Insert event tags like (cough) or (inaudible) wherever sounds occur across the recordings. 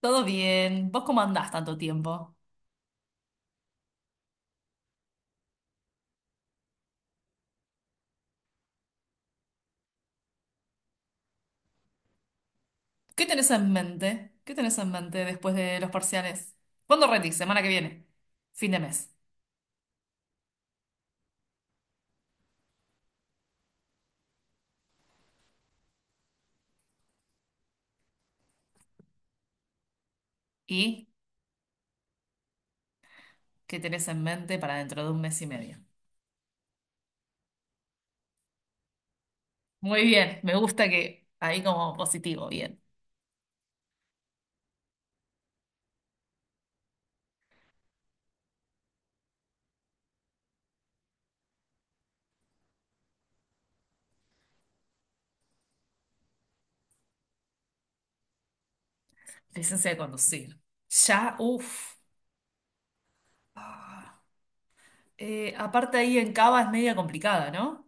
Todo bien. ¿Vos cómo andás tanto tiempo? ¿Qué tenés en mente? ¿Qué tenés en mente después de los parciales? ¿Cuándo rendís? Semana que viene. Fin de mes. ¿Y qué tenés en mente para dentro de un mes y medio? Muy bien. Me gusta que ahí como positivo. Bien. Licencia de conducir. Ya, uff. Aparte ahí en Cava es media complicada, ¿no?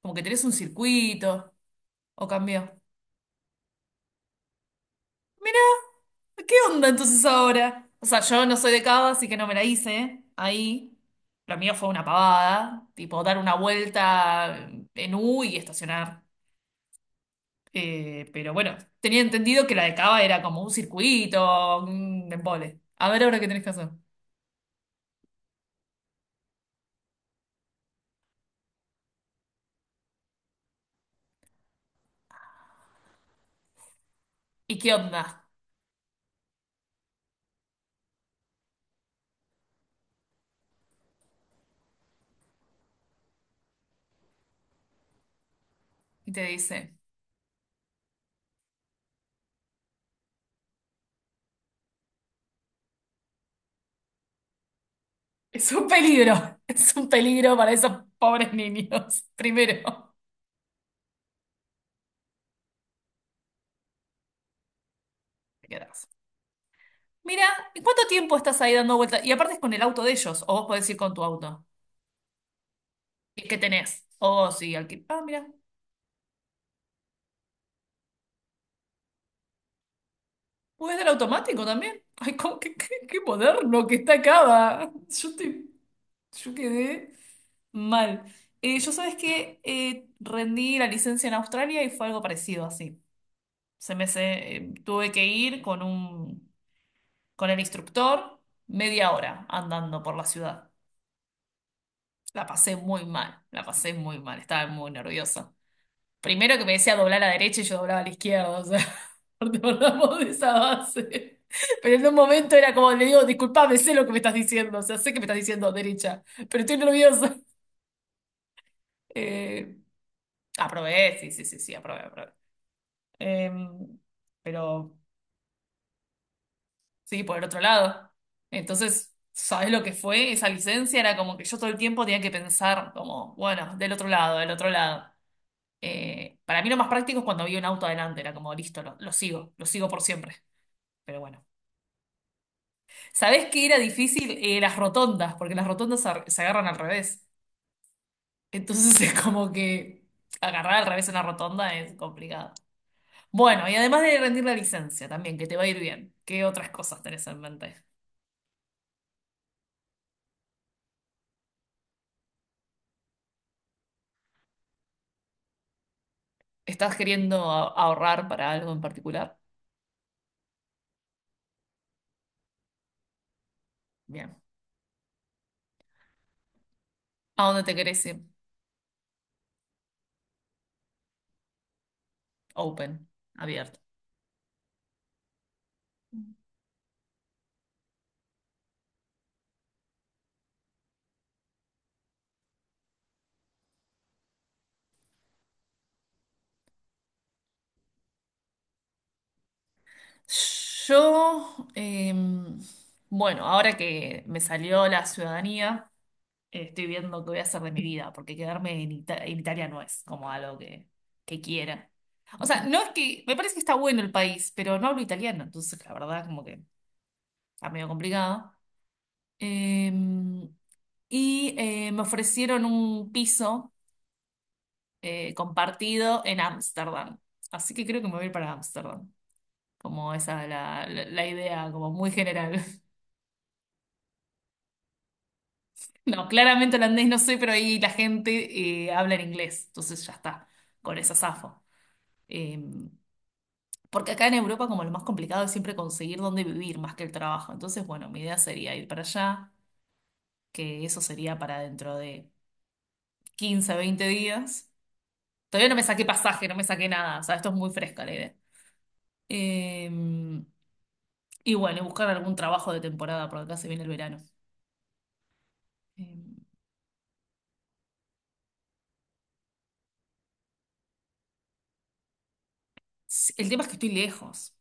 Como que tenés un circuito. ¿O cambió? ¿Qué onda entonces ahora? O sea, yo no soy de cava, así que no me la hice ahí. Lo mío fue una pavada, tipo dar una vuelta en U y estacionar. Pero bueno, tenía entendido que la de cava era como un circuito, un embole. A ver ahora qué tenés que hacer. ¿Y qué onda? Y te dice, es un peligro, (laughs) es un peligro para esos pobres niños. (laughs) Primero, te quedás. Mira, ¿y cuánto tiempo estás ahí dando vueltas? Y aparte es con el auto de ellos, o vos podés ir con tu auto. ¿Y qué tenés? Oh, sí, alquiler. Ah, mira, puedes dar automático también. Ay, cómo, qué moderno que está acá. Va. Yo quedé mal. Yo sabes que rendí la licencia en Australia y fue algo parecido así. Tuve que ir con el instructor media hora andando por la ciudad. La pasé muy mal, la pasé muy mal, estaba muy nerviosa. Primero que me decía doblar a la derecha y yo doblaba a la izquierda, o sea, (laughs) partamos de esa base. Pero en un momento era como, le digo, disculpame, sé lo que me estás diciendo, o sea, sé que me estás diciendo derecha, pero estoy nerviosa. (laughs) Eh, Aprobé, sí, sí, sí, sí, aprobé, aprobé. Eh, pero sí, por el otro lado. Entonces, ¿sabes lo que fue esa licencia? Era como que yo todo el tiempo tenía que pensar como, bueno, del otro lado, del otro lado. Para mí lo más práctico es cuando vi un auto adelante, era como, listo, lo sigo, lo sigo por siempre. Pero bueno. ¿Sabés qué era difícil? Las rotondas, porque las rotondas se agarran al revés. Entonces (laughs) es como que agarrar al revés una rotonda es complicado. Bueno, y además de rendir la licencia también, que te va a ir bien. ¿Qué otras cosas tenés en mente? ¿Estás queriendo ahorrar para algo en particular? Bien. ¿A dónde te querés ir? Open, abierto. Yo, bueno, ahora que me salió la ciudadanía. Estoy viendo qué voy a hacer de mi vida, porque quedarme en, en Italia no es como algo que, quiera. O sea, no es que, me parece que está bueno el país, pero no hablo italiano, entonces la verdad como que está medio complicado. Em, y me ofrecieron un piso compartido en Ámsterdam, así que creo que me voy a ir para Ámsterdam. Como esa es la, la idea, como muy general. (laughs) No, claramente holandés no sé pero ahí la gente habla en inglés, entonces ya está, con esa zafo. Eh, porque acá en Europa como lo más complicado es siempre conseguir dónde vivir más que el trabajo. Entonces, bueno, mi idea sería ir para allá, que eso sería para dentro de 15 20 días. Todavía no me saqué pasaje, no me saqué nada. O sea, esto es muy fresca la idea. Eh, y bueno, y buscar algún trabajo de temporada, porque acá se viene el verano. Eh, sí, el tema es que estoy lejos.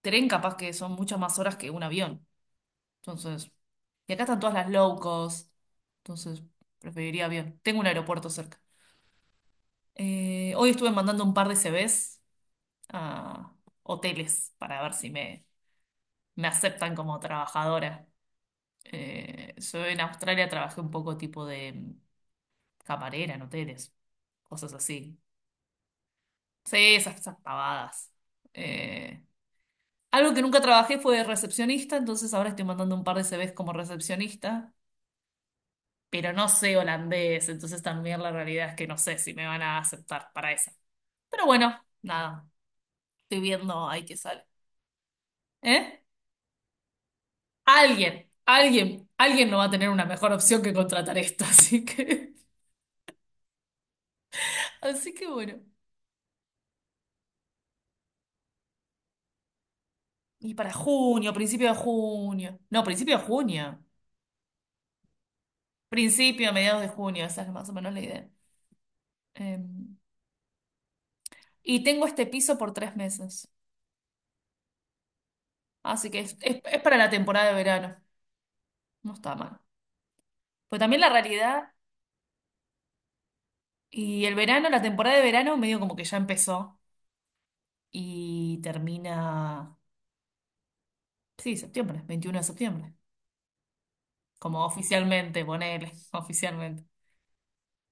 Tren capaz que son muchas más horas que un avión. Entonces, y acá están todas las low cost. Entonces, preferiría avión. Tengo un aeropuerto cerca. Hoy estuve mandando un par de CVs a hoteles para ver si me aceptan como trabajadora. Yo en Australia trabajé un poco tipo de camarera en hoteles, cosas así. Sí, esas pavadas. Eh, algo que nunca trabajé fue de recepcionista, entonces ahora estoy mandando un par de CVs como recepcionista, pero no sé holandés, entonces también la realidad es que no sé si me van a aceptar para esa. Pero bueno, nada, estoy viendo ahí que sale. ¿Eh? Alguien, alguien, alguien no va a tener una mejor opción que contratar esto, (laughs) así que bueno. Y para junio, principio de junio. No, principio de junio. Principio, mediados de junio, esa es más o menos la idea. Eh, y tengo este piso por tres meses, así que es para la temporada de verano. No está mal. Pues también la realidad y el verano, la temporada de verano medio como que ya empezó y termina, sí, septiembre, 21 de septiembre, como oficialmente, ponele, (laughs) oficialmente.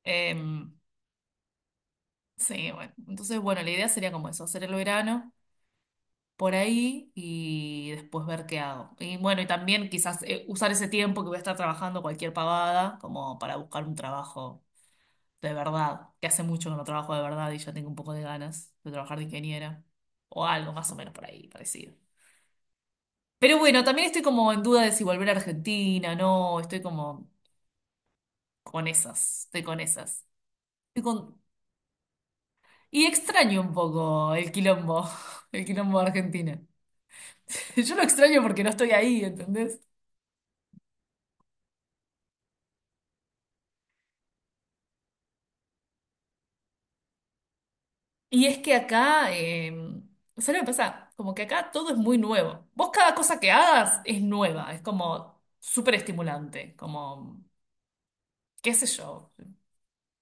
Em, sí, bueno. Entonces, bueno, la idea sería como eso, hacer el verano por ahí y después ver qué hago. Y bueno, y también quizás usar ese tiempo que voy a estar trabajando cualquier pavada como para buscar un trabajo de verdad, que hace mucho que no trabajo de verdad y ya tengo un poco de ganas de trabajar de ingeniera o algo más o menos por ahí parecido. Pero bueno, también estoy como en duda de si volver a Argentina, no, estoy como con esas, estoy con esas. Estoy con Y extraño un poco el quilombo, (laughs) el quilombo de Argentina. (laughs) Yo lo extraño porque no estoy ahí, ¿entendés? Y es que acá, ¿sabes lo que pasa? Como que acá todo es muy nuevo. Vos cada cosa que hagas es nueva, es como súper estimulante, como, qué sé yo.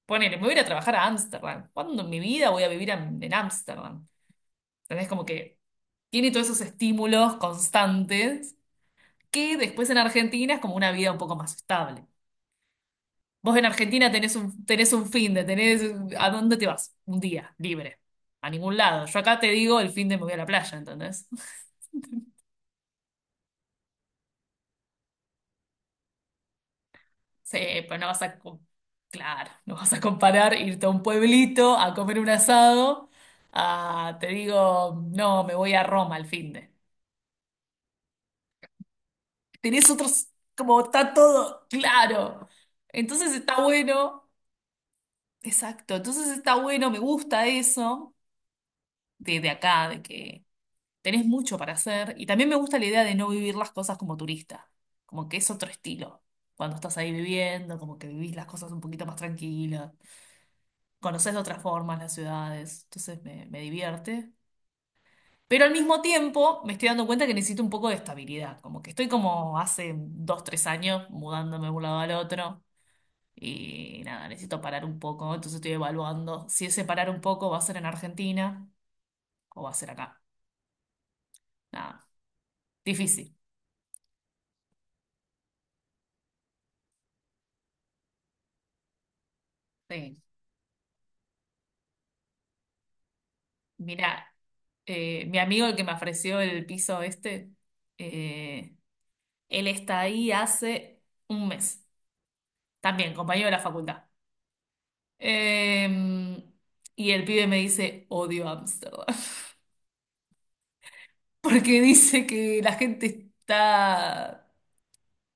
Ponele, me voy a ir a trabajar a Ámsterdam. ¿Cuándo en mi vida voy a vivir en Ámsterdam? ¿Entendés? Como que tiene todos esos estímulos constantes que después en Argentina es como una vida un poco más estable. Vos en Argentina tenés un finde, tenés... ¿A dónde te vas? Un día, libre. A ningún lado. Yo acá te digo, el finde me voy a la playa, ¿entendés? (laughs) Sí, pero no vas a... Claro, no vas a comparar irte a un pueblito a comer un asado a, te digo, no, me voy a Roma al finde. Tenés otros... Como está todo claro. Entonces está bueno. Exacto. Entonces está bueno, me gusta eso de, acá, de que... tenés mucho para hacer y también me gusta la idea de no vivir las cosas como turista, como que es otro estilo. Cuando estás ahí viviendo, como que vivís las cosas un poquito más tranquilas, conoces de otras formas las ciudades, entonces me divierte. Pero al mismo tiempo me estoy dando cuenta que necesito un poco de estabilidad, como que estoy como hace dos, tres años mudándome de un lado al otro y nada, necesito parar un poco, entonces estoy evaluando si ese parar un poco va a ser en Argentina o va a ser acá. Nada, difícil. Sí, Mira, mi amigo el que me ofreció el piso este, eh, él está ahí hace un mes, también compañero de la facultad. Eh, y el pibe me dice, odio Ámsterdam, (laughs) porque dice que la gente está,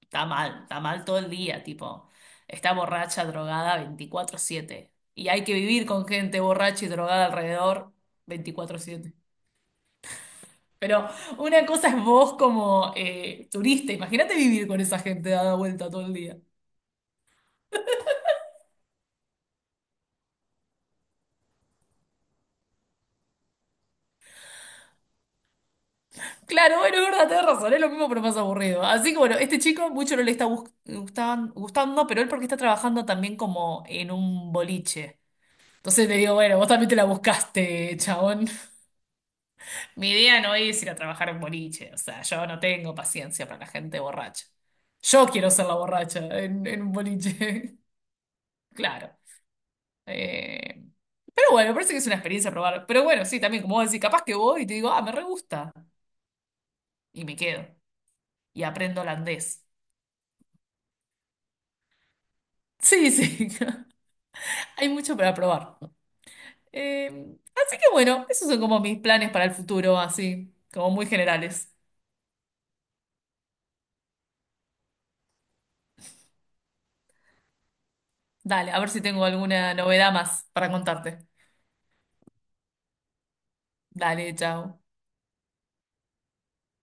está mal, está mal todo el día, tipo, está borracha, drogada 24/7, Y hay que vivir con gente borracha y drogada alrededor 24/7. Pero una cosa es vos como turista, imagínate vivir con esa gente dada vuelta todo el día. Claro, bueno, es verdad, tenés razón, es lo mismo pero más aburrido. Así que bueno, este chico mucho no le está gustando, pero él porque está trabajando también como en un boliche. Entonces le digo, bueno, vos también te la buscaste, chabón. (laughs) Mi idea no es ir a trabajar en boliche, o sea, yo no tengo paciencia para la gente borracha. Yo quiero ser la borracha en, un boliche, (laughs) claro. Eh, Pero bueno, me parece que es una experiencia probar. Pero bueno, sí, también, como vos decís, capaz que voy y te digo, ah, me re gusta. Y me quedo. Y aprendo holandés. Sí, sí. (laughs) Hay mucho para probar. Eh, así que bueno, esos son como mis planes para el futuro, así, como muy generales. Dale, a ver si tengo alguna novedad más para contarte. Dale, chao.